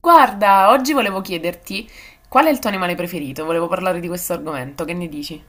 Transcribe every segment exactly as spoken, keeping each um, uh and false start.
Guarda, oggi volevo chiederti qual è il tuo animale preferito? Volevo parlare di questo argomento, che ne dici?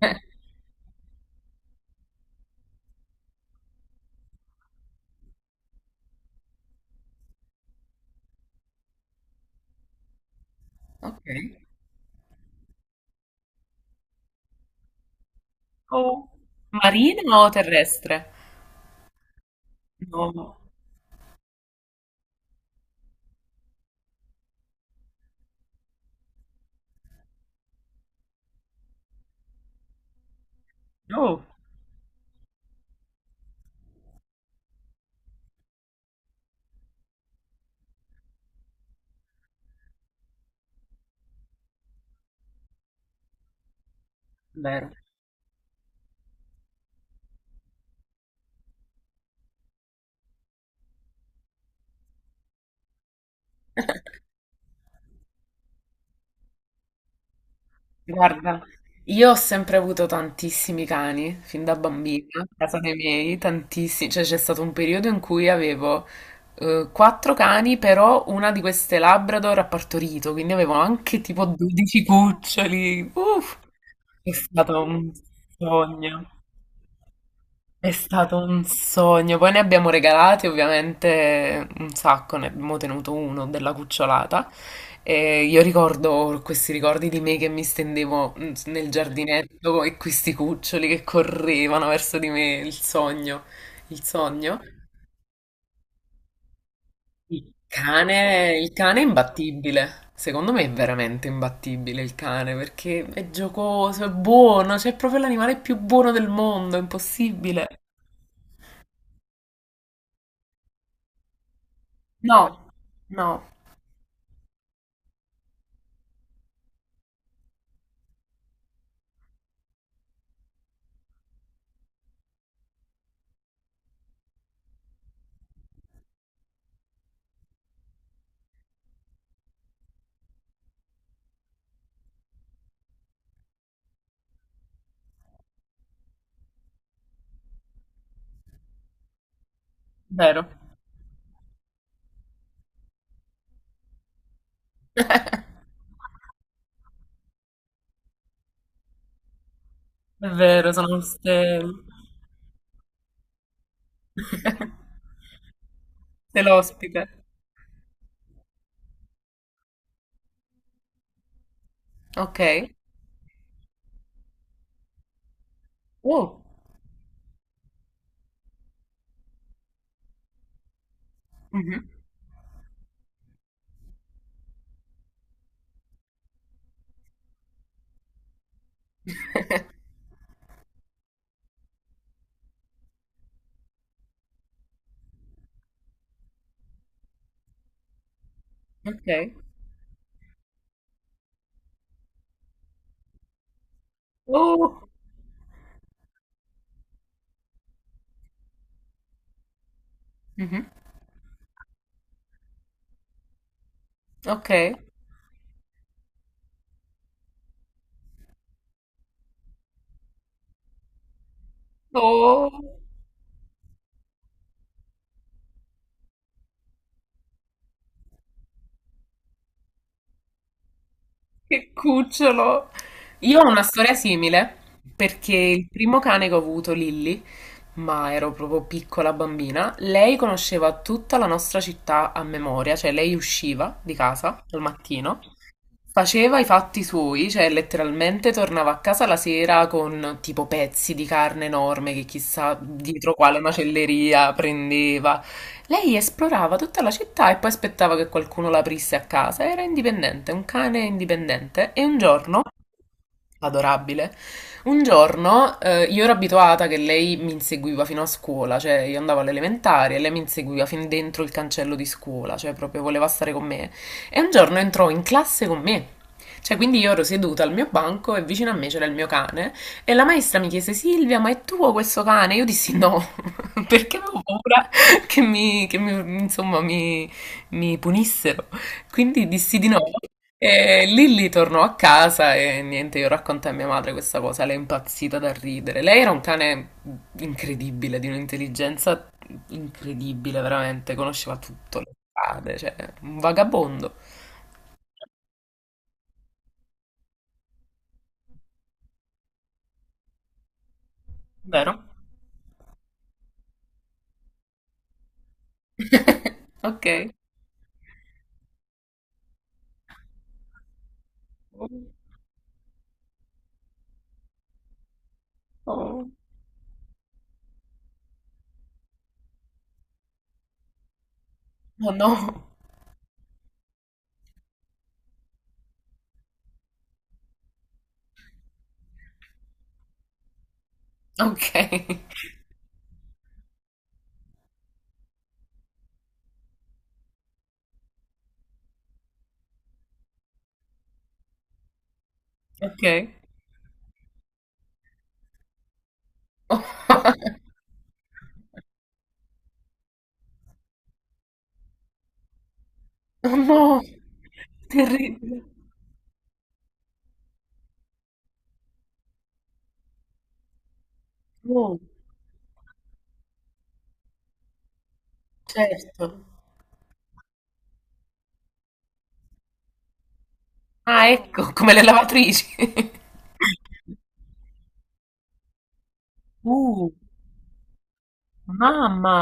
Ok. Oh, marino o terrestre? No, no, vero. Guarda, io ho sempre avuto tantissimi cani, fin da bambina, a casa dei miei, tantissimi, cioè c'è stato un periodo in cui avevo eh, quattro cani, però una di queste Labrador ha partorito, quindi avevo anche tipo dodici cuccioli, uff, è stato un sogno. È stato un sogno. Poi ne abbiamo regalati ovviamente un sacco, ne abbiamo tenuto uno della cucciolata. E io ricordo questi ricordi di me che mi stendevo mm, nel giardinetto e questi cuccioli che correvano verso di me. Il sogno, il sogno. Il cane, il cane è imbattibile. Secondo me è veramente imbattibile il cane perché è giocoso, è buono, cioè è proprio l'animale più buono del mondo, è impossibile. No, no. Vero, è vero, sono queste queste l'ospite. Ok. Oh. Mhm. Ok. Oh. Mhm. Ok. Oh, che cucciolo. Io ho una storia simile perché il primo cane che ho avuto, Lilly, ma ero proprio piccola bambina. Lei conosceva tutta la nostra città a memoria, cioè lei usciva di casa al mattino, faceva i fatti suoi, cioè letteralmente tornava a casa la sera con tipo pezzi di carne enorme che chissà dietro quale macelleria prendeva. Lei esplorava tutta la città e poi aspettava che qualcuno l'aprisse a casa. Era indipendente, un cane indipendente. E un giorno, adorabile, un giorno eh, io ero abituata che lei mi inseguiva fino a scuola, cioè io andavo all'elementare e lei mi inseguiva fin dentro il cancello di scuola, cioè proprio voleva stare con me. E un giorno entrò in classe con me. Cioè, quindi io ero seduta al mio banco e vicino a me c'era il mio cane e la maestra mi chiese Silvia, ma è tuo questo cane? Io dissi no, perché avevo paura che mi, che mi- insomma, mi, mi punissero. Quindi dissi di no. E lì lì tornò a casa e niente, io raccontai a mia madre questa cosa, lei è impazzita da ridere. Lei era un cane incredibile, di un'intelligenza incredibile, veramente, conosceva tutto, le strade, cioè, un vagabondo, vero? Ok. Oh, oh no. Ok. Ok. Oh no. Terribile. No. Certo. Ah, ecco, come le lavatrici. Uh, mamma!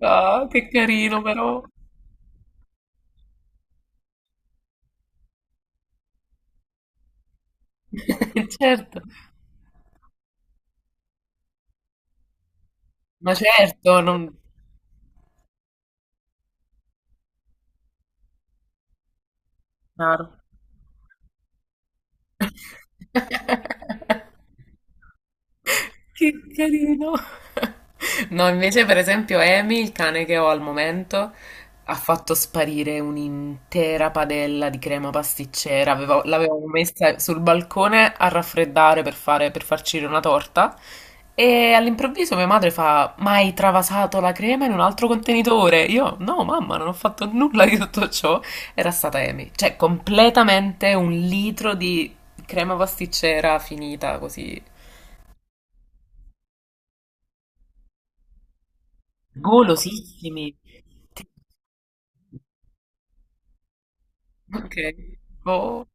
Ah, che carino però. Certo. Ma certo, non... Chiaro. Che carino. No, invece, per esempio, Amy, il cane che ho al momento, ha fatto sparire un'intera padella di crema pasticcera. Avevo- l'avevo messa sul balcone a raffreddare per fare, per farcire una torta. E all'improvviso mia madre fa: Ma hai travasato la crema in un altro contenitore? Io, no, mamma, non ho fatto nulla di tutto ciò. Era stata Amy. Cioè, completamente un litro di crema pasticcera finita così. Golosissime. Ok. Boh.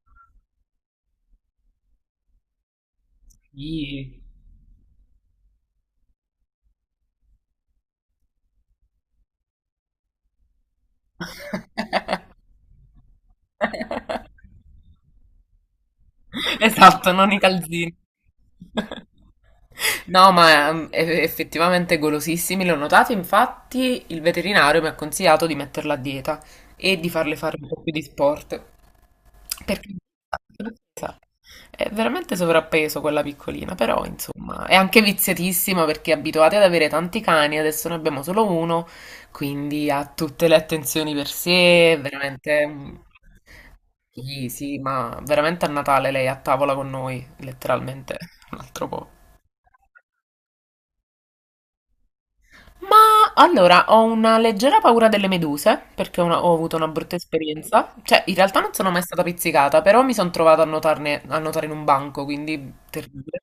Sì. Esatto, non i calzini. No, ma ehm, e- effettivamente golosissimi, l'ho notato, infatti il veterinario mi ha consigliato di metterla a dieta e di farle fare un po' più di sport. Perché è veramente sovrappeso quella piccolina, però insomma è anche viziatissima perché è abituata ad avere tanti cani, adesso ne abbiamo solo uno, quindi ha tutte le attenzioni per sé, è veramente... un- Sì, sì, ma veramente a Natale lei è a tavola con noi, letteralmente, un altro po'. Ma allora ho una leggera paura delle meduse perché una- ho avuto una brutta esperienza. Cioè, in realtà non sono mai stata pizzicata, però mi sono trovata a nuotarne- a nuotare in un banco, quindi terribile.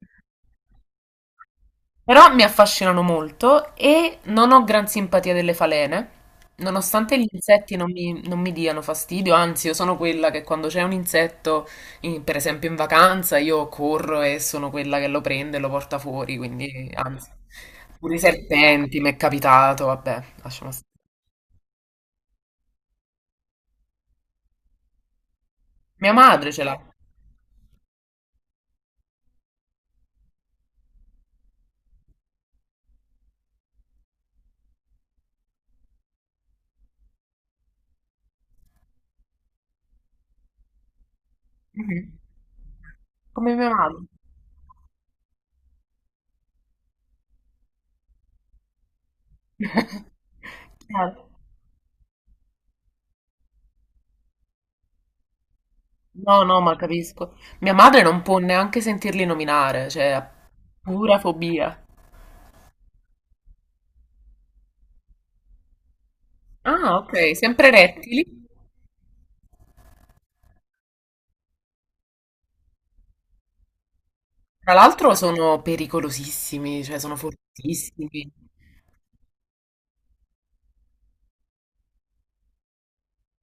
Però mi affascinano molto e non ho gran simpatia delle falene. Nonostante gli insetti non mi, non mi diano fastidio, anzi, io sono quella che quando c'è un insetto, in- per esempio in vacanza, io corro e sono quella che lo prende e lo porta fuori, quindi anzi. Pure i serpenti, mi è capitato, vabbè, lasciamo stare. Mia madre ce l'ha. Mhm. Come mia madre. Chiaro. No, no, ma capisco. Mia madre non può neanche sentirli nominare, cioè ha pura fobia. Ah, ok, sempre rettili. Tra l'altro sono pericolosissimi, cioè sono fortissimi.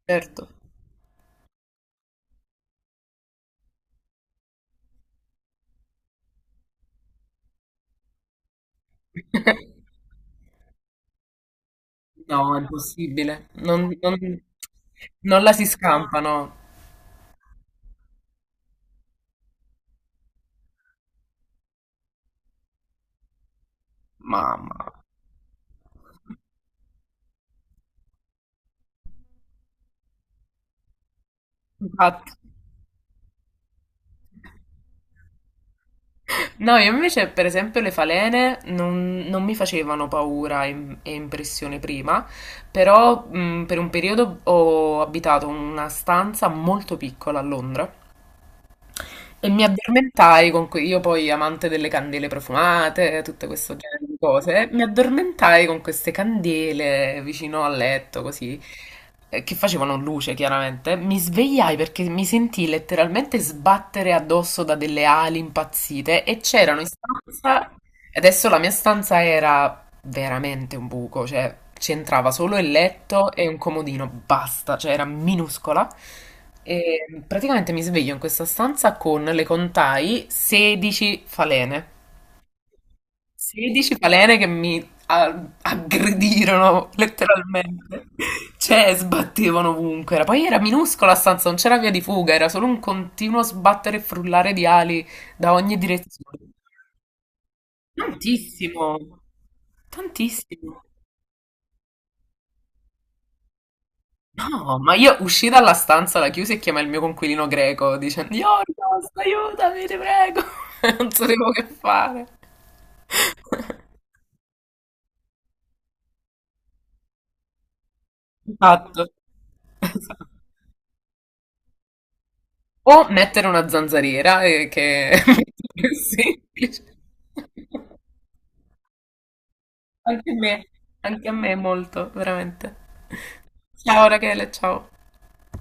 Certo. No, è impossibile. Non, non- non la si scampano. Mamma. Infatti. No, io invece, per esempio, le falene non, non mi facevano paura e, e impressione prima, però mh, per un periodo ho abitato in una stanza molto piccola a Londra e mi addormentai con que- io poi amante delle candele profumate, tutto questo genere di cose, mi addormentai con queste candele vicino al letto, così, eh, che facevano luce chiaramente. Mi svegliai perché mi sentii letteralmente sbattere addosso da delle ali impazzite e c'erano in stanza, e adesso la mia stanza era veramente un buco, cioè c'entrava solo il letto e un comodino, basta, cioè era minuscola. E praticamente mi sveglio in questa stanza con, le contai, sedici falene. sedici falene che mi a- aggredirono letteralmente. Cioè, sbattevano ovunque. Era- poi era minuscola la stanza, non c'era via di fuga, era solo un continuo sbattere e frullare di ali da ogni direzione. Tantissimo, tantissimo. No, ma io uscì dalla stanza, la chiusi e chiamai il mio conquilino greco dicendo: Yorgos, aiutami, ti prego. Non sapevo che fare. Esatto. Esatto. O mettere una zanzariera, eh, che è molto più semplice. Anche a me, anche a me molto, veramente. Ciao Rachele, ciao.